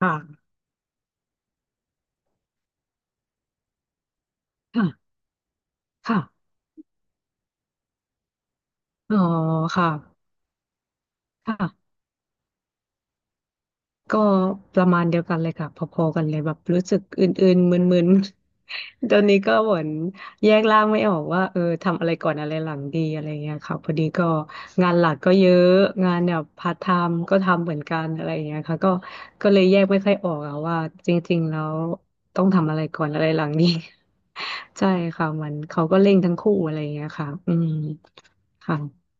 ค่ะค่ะค่ะอ๋อค่ะค่ะก็ประมาณเดียวกันเลยค่ะพอๆกันเลยแบบรู้สึกอื่นๆมึนๆ ตอนนี้ก็เหมือนแยกร่างไม่ออกว่าทำอะไรก่อนอะไรหลังดีอะไรเงี้ยค่ะพอดีก็งานหลักก็เยอะงานแบบพาร์ทไทม์ก็ทำเหมือนกันอะไรเงี้ยค่ะก็ก็เลยแยกไม่ค่อยออกอะว่าจริงๆแล้วต้องทำอะไรก่อนอะไรหลังดี ใช่ค่ะมันเขาก็เร่งทั้งคู่อะไรเงี้ยค่ะอืมค่ะ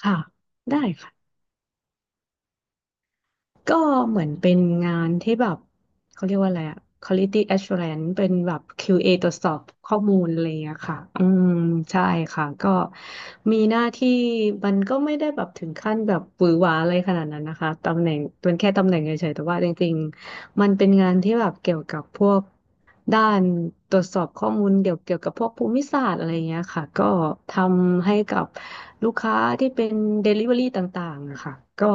ค่ะได้ค่ะ ก็เหมือนเป็นงานที่แบบเขาเรียกว่าอะไรอะ Quality Assurance เป็นแบบ QA ตรวจสอบข้อมูลอะไรอย่างเงี้ยค่ะอืมใช่ค่ะก็มีหน้าที่มันก็ไม่ได้แบบถึงขั้นแบบหวือหวาอะไรขนาดนั้นนะคะตำแหน่งเป็นแค่ตำแหน่งเฉยๆแต่ว่าจริงๆ มันเป็นงานที่แบบเกี่ยวกับพวกด้านตรวจสอบข้อมูลเกี่ยวกับพวกภูมิศาสตร์อะไรเงี้ยค่ะก็ทำให้กับลูกค้าที่เป็น Delivery ต่างๆอะค่ะก็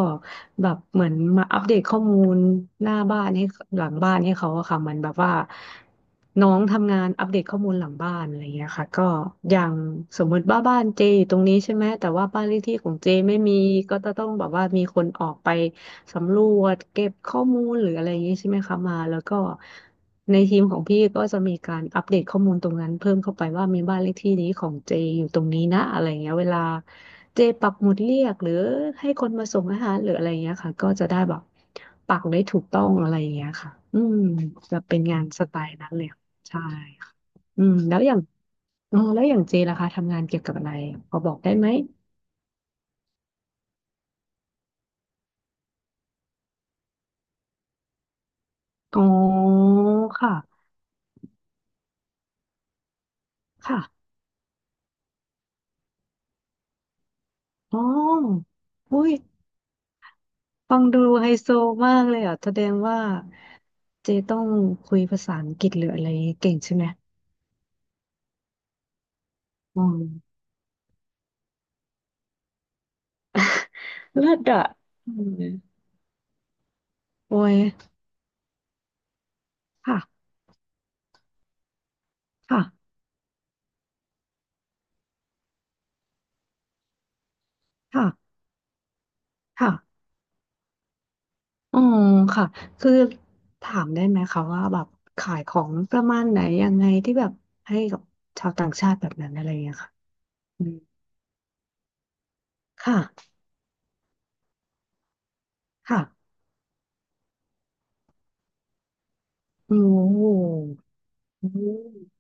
แบบเหมือนมาอัปเดตข้อมูลหน้าบ้านให้หลังบ้านให้เขาอะค่ะเหมันแบบว่าน้องทำงานอัปเดตข้อมูลหลังบ้านอะไรเงี้ยค่ะก็อย่างสมมติว่าบ้านเจอยู่ตรงนี้ใช่ไหมแต่ว่าบ้านเลขที่ของเจไม่มีก็จะต้องแบบว่ามีคนออกไป สำรวจเก็บข้อมูลหรืออะไรอย่างนี้ใช่ไหมคะมาแล้วก็ในทีมของพี่ก็จะมีการอัปเดตข้อมูลตรงนั้นเพิ่มเข้าไปว่ามีบ้านเลขที่นี้ของเจอยู่ตรงนี้นะอะไรอย่างเงี้ยเวลาเจปักหมุดเรียกหรือให้คนมาส่งอาหารหรืออะไรอย่างเงี้ยค่ะก็จะได้แบบปักได้ถูกต้องอะไรอย่างเงี้ยค่ะอืมจะเป็นงานสไตล์นั้นเลยค่ะใช่ค่ะอืมแล้วอย่างอ๋อแล้วอย่างเจล่ะคะทำงานเกี่ยวกับอะไรพอบอกได้ไหมอ๋อค่ะค่ะอ๋ออุ้ย ฟังดูไฮโซมากเลยอ่ะแสดงว่าเจต้องคุยภาษาอังกฤษหรืออะไรเก่งใช่ไหมอืมเลิศอ่ะอืมโอ้ยค่ะค่ะค่ะค่ะอืมค่ะคือถามได้ไหมคะว่าแบบขายของประมาณไหนยังไงที่แบบให้กับชาวต่างชาติแบบนั้นอะไรอย่างเงี้ยค่ะอืมค่ะ ค่ะโอ้โหอืม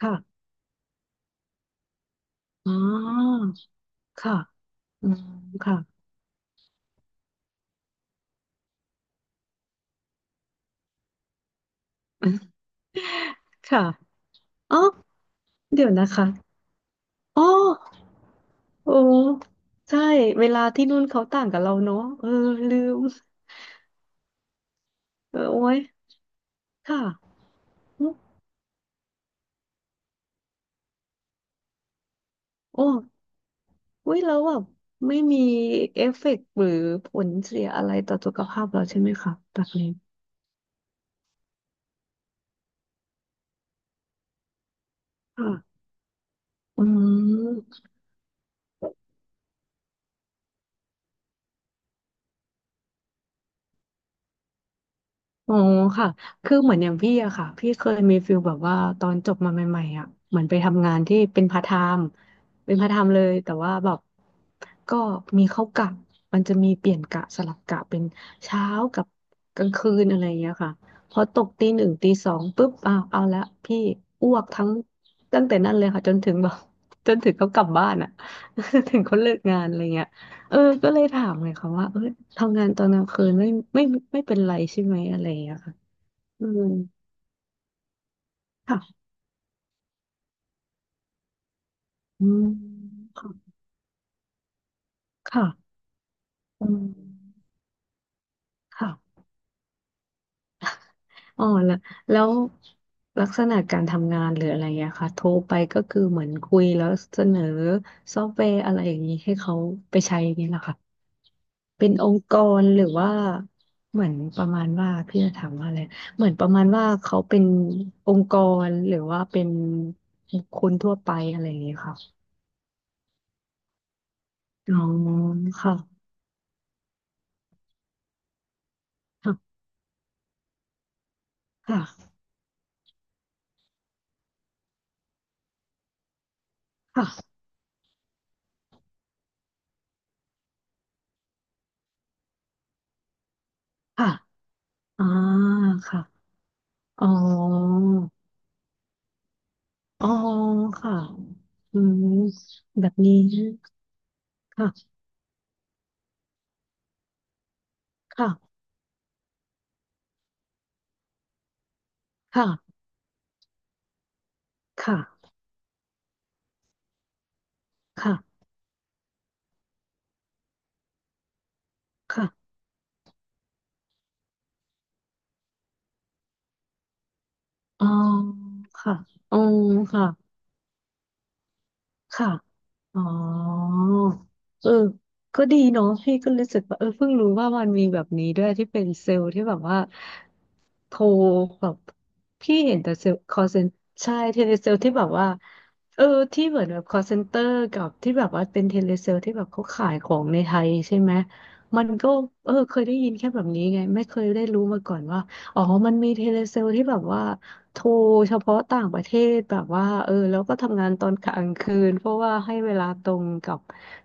ค่ะอ๋อค่ะอืมค่ะ ค่ะ อ๋อ เดี๋ยวนะคะ อ๋อโอ้ใช่เวลาที่นู่นเขาต่างกับเราเนาะลืมโอ้ยค่ะอืมโอ้อุ้ยแล้วแบบไม่มีเอฟเฟกต์หรือผลเสียอะไรต่อสุขภาพเราใช่ไหมคะแบบนี้ค่ะอืม อ๋อค่ะคือเหมือนอย่างพี่อะค่ะพี่เคยมีฟิลแบบว่าตอนจบมาใหม่ๆอะเหมือนไปทำงานที่เป็นพาร์ทไทม์เป็นพาร์ทไทม์เลยแต่ว่าแบบก็มีเข้ากะมันจะมีเปลี่ยนกะสลับกะเป็นเช้ากับกลางคืนอะไรอย่างเงี้ยค่ะพอตกตีหนึ่งตีสองปุ๊บอ้าวเอาละพี่อ้วกทั้งตั้งแต่นั้นเลยค่ะจนถึงแบบ จนถึงเขากลับบ้านอะ ถึงเขาเลิกงานอะไรเงี้ย เออก็เลยถามเลยค่ะว่าทำงานตอนกลางคืนไม่ไม่เป็นไรใช่ไหมอะไรอย่างเงี้ยค่ะอืมค่ะอืมค่ะค่ะอืมค่ะอ๋อแล้วลักษณะการทำงานหรืออะไรอย่างเงี้ยค่ะโทรไปก็คือเหมือนคุยแล้วเสนอซอฟต์แวร์อะไรอย่างนี้ให้เขาไปใช้อย่างนี้เหรอค่ะ เป็นองค์กรหรือว่าเหมือนประมาณว่าพี่จะถามว่าอะไรเหมือนประมาณว่าเขาเป็นองค์กรหรือว่าเป็นคนทั่วไปอะไรอย่างเงี้ยค่ะอ๋อค่ะค่ะค่ะค่ะค่ะอ่าค่ะอ๋ออ๋อค่ะอืมแบบนี้ค่ะค่ะค่ะค่ะค่ะค่ะอ๋อค่ะอ๋อค่ะ ค่ะอ๋อเออก็ดีเนาะพี่ก็รู้สึกว่าเพิ่งรู้ว่ามันมีแบบนี้ด้วยที่เป็นเซลล์ที่แบบว่าโทรแบบพี่เห็นแต่เซลล์คอลเซ็นใช่เทเลเซลที่แบบว่าเออที่เหมือนแบบคอลเซ็นเตอร์กับที่แบบว่าเป็นเทเลเซลที่แบบเขาขายของในไทยใช่ไหม มันก็เคยได้ยินแค่แบบนี้ไงไม่เคยได้รู้มาก่อนว่าอ๋อมันมีเทเลเซลที่แบบว่า โทรเฉพาะต่างประเทศแบบว่าแล้วก็ทำงานตอนกลางคืนเพราะว่าให้เวลาตรงกับ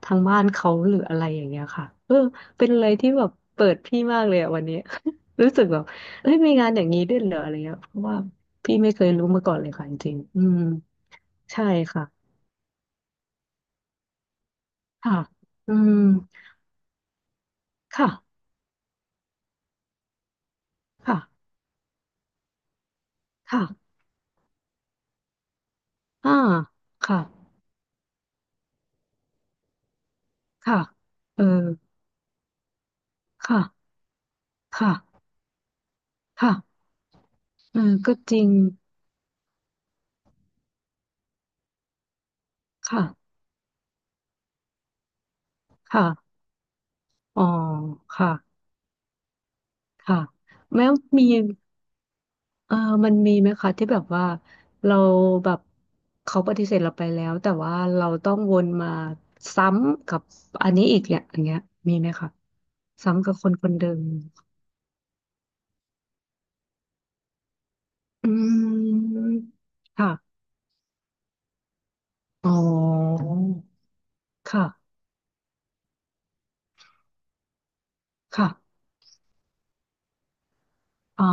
ทางบ้านเขาหรืออะไรอย่างเงี้ยค่ะเป็นอะไรที่แบบเปิดพี่มากเลยอะวันนี้ รู้สึกแบบเอ้ยมีงานอย่างนี้ด้วยเหรออะไรเงี้ยเพราะว่าพี่ไม่เคยรู้มาก่อนเลยค่ะจริงๆอืมใช่ค่ะค่ะอืมค่ะค่ะค่ะอ่าค่ะค่ะเออค่ะค่ะค่ะเออก็จริงค่ะค่ะอ๋อค่ะ ค่ะแล้วมีเอ่อมันมีไหมคะที่แบบว่าเราแบบเขาปฏิเสธเราไปแล้วแต่ว่าเราต้องวนมาซ้ำกับอันนี้อีกเนี่ยอย่างเงี้ยมีไหมคะซ้ำกับคนคนเดิมอืมค่ะอ๋อค่ะค่ะอ๋อ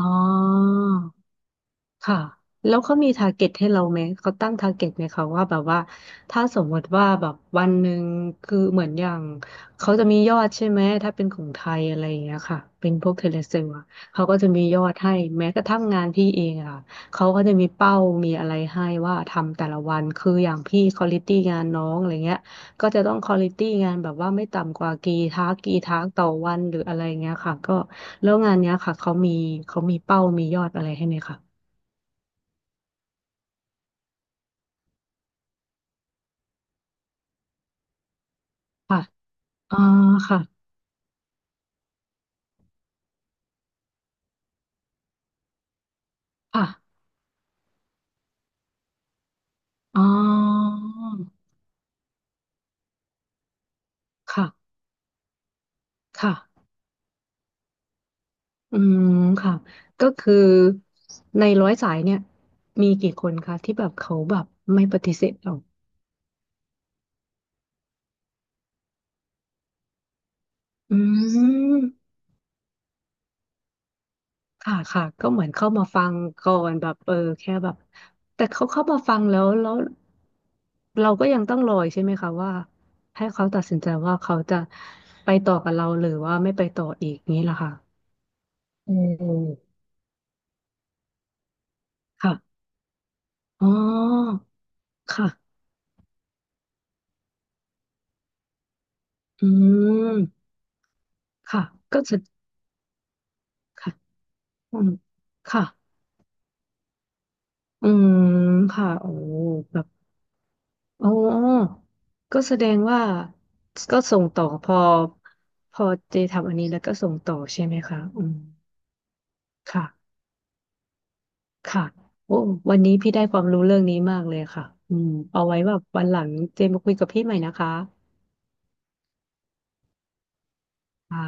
ค่ะแล้วเขามีทาร์เก็ตให้เราไหมเขาตั้งทาร์เก็ตไหมคะว่าแบบว่า ถ้าสมมติว่าแบบวันหนึ่งคือเหมือนอย่าง เขาจะมียอดใช่ไหม ถ้าเป็นของไทยอะไรอย่างเงี้ยค่ะเป็นพวกเทเลเซลอะเขาก็จะมียอดให้แม้กระทั่งงานพี่เองอะเขาก็จะมีเป้ามีอะไรให้ว่าทำแต่ละวันคืออย่างพี่ควอลิตี้งานน้องอะไรเงี้ยก็จะต้องควอลิตี้งานแบบว่าไม่ต่ำกว่ากี่ทักกี่ทักต่อวันหรืออะไรเงี้ยค่ะก็แล้วงานเนี้ยค่ะเขามีเป้ามียอดอะไรให้ไหมคะค่ะ อ๋อค่ะค่ะอ๋อค่ะค่ะอืมค่ะก็คือในร้อยสายเนี่ยมีกี่คนคะที่แบบเขาแบบไม่ปฏิเสธเราอืมค่ะค่ะก็เหมือนเข้ามาฟังก่อนแบบเออแค่แบบแต่เขาเข้ามาฟังแล้วเราก็ยังต้องรออีกใช่ไหมคะว่าให้เขาตัดสินใจว่าเขาจะไปต่อกับเราหรือว่าไม่ไปต่ออีกนี้ล่ะค่ะอืมค่ะอ๋อค่ะ อืมค่ะก็จะค่ะอืมค่ะอืมค่ะโอ้แบบอ๋อก็แสดงว่าก็ส่งต่อพอ พอเจทำอันนี้แล้วก็ส่งต่อใช่ไหมคะอืมค่ะค่ะโอ้วันนี้พี่ได้ความรู้เรื่องนี้มากเลยค่ะอืมเอาไว้แบบวันหลังเจมาคุยกับพี่ใหม่นะคะค่ะ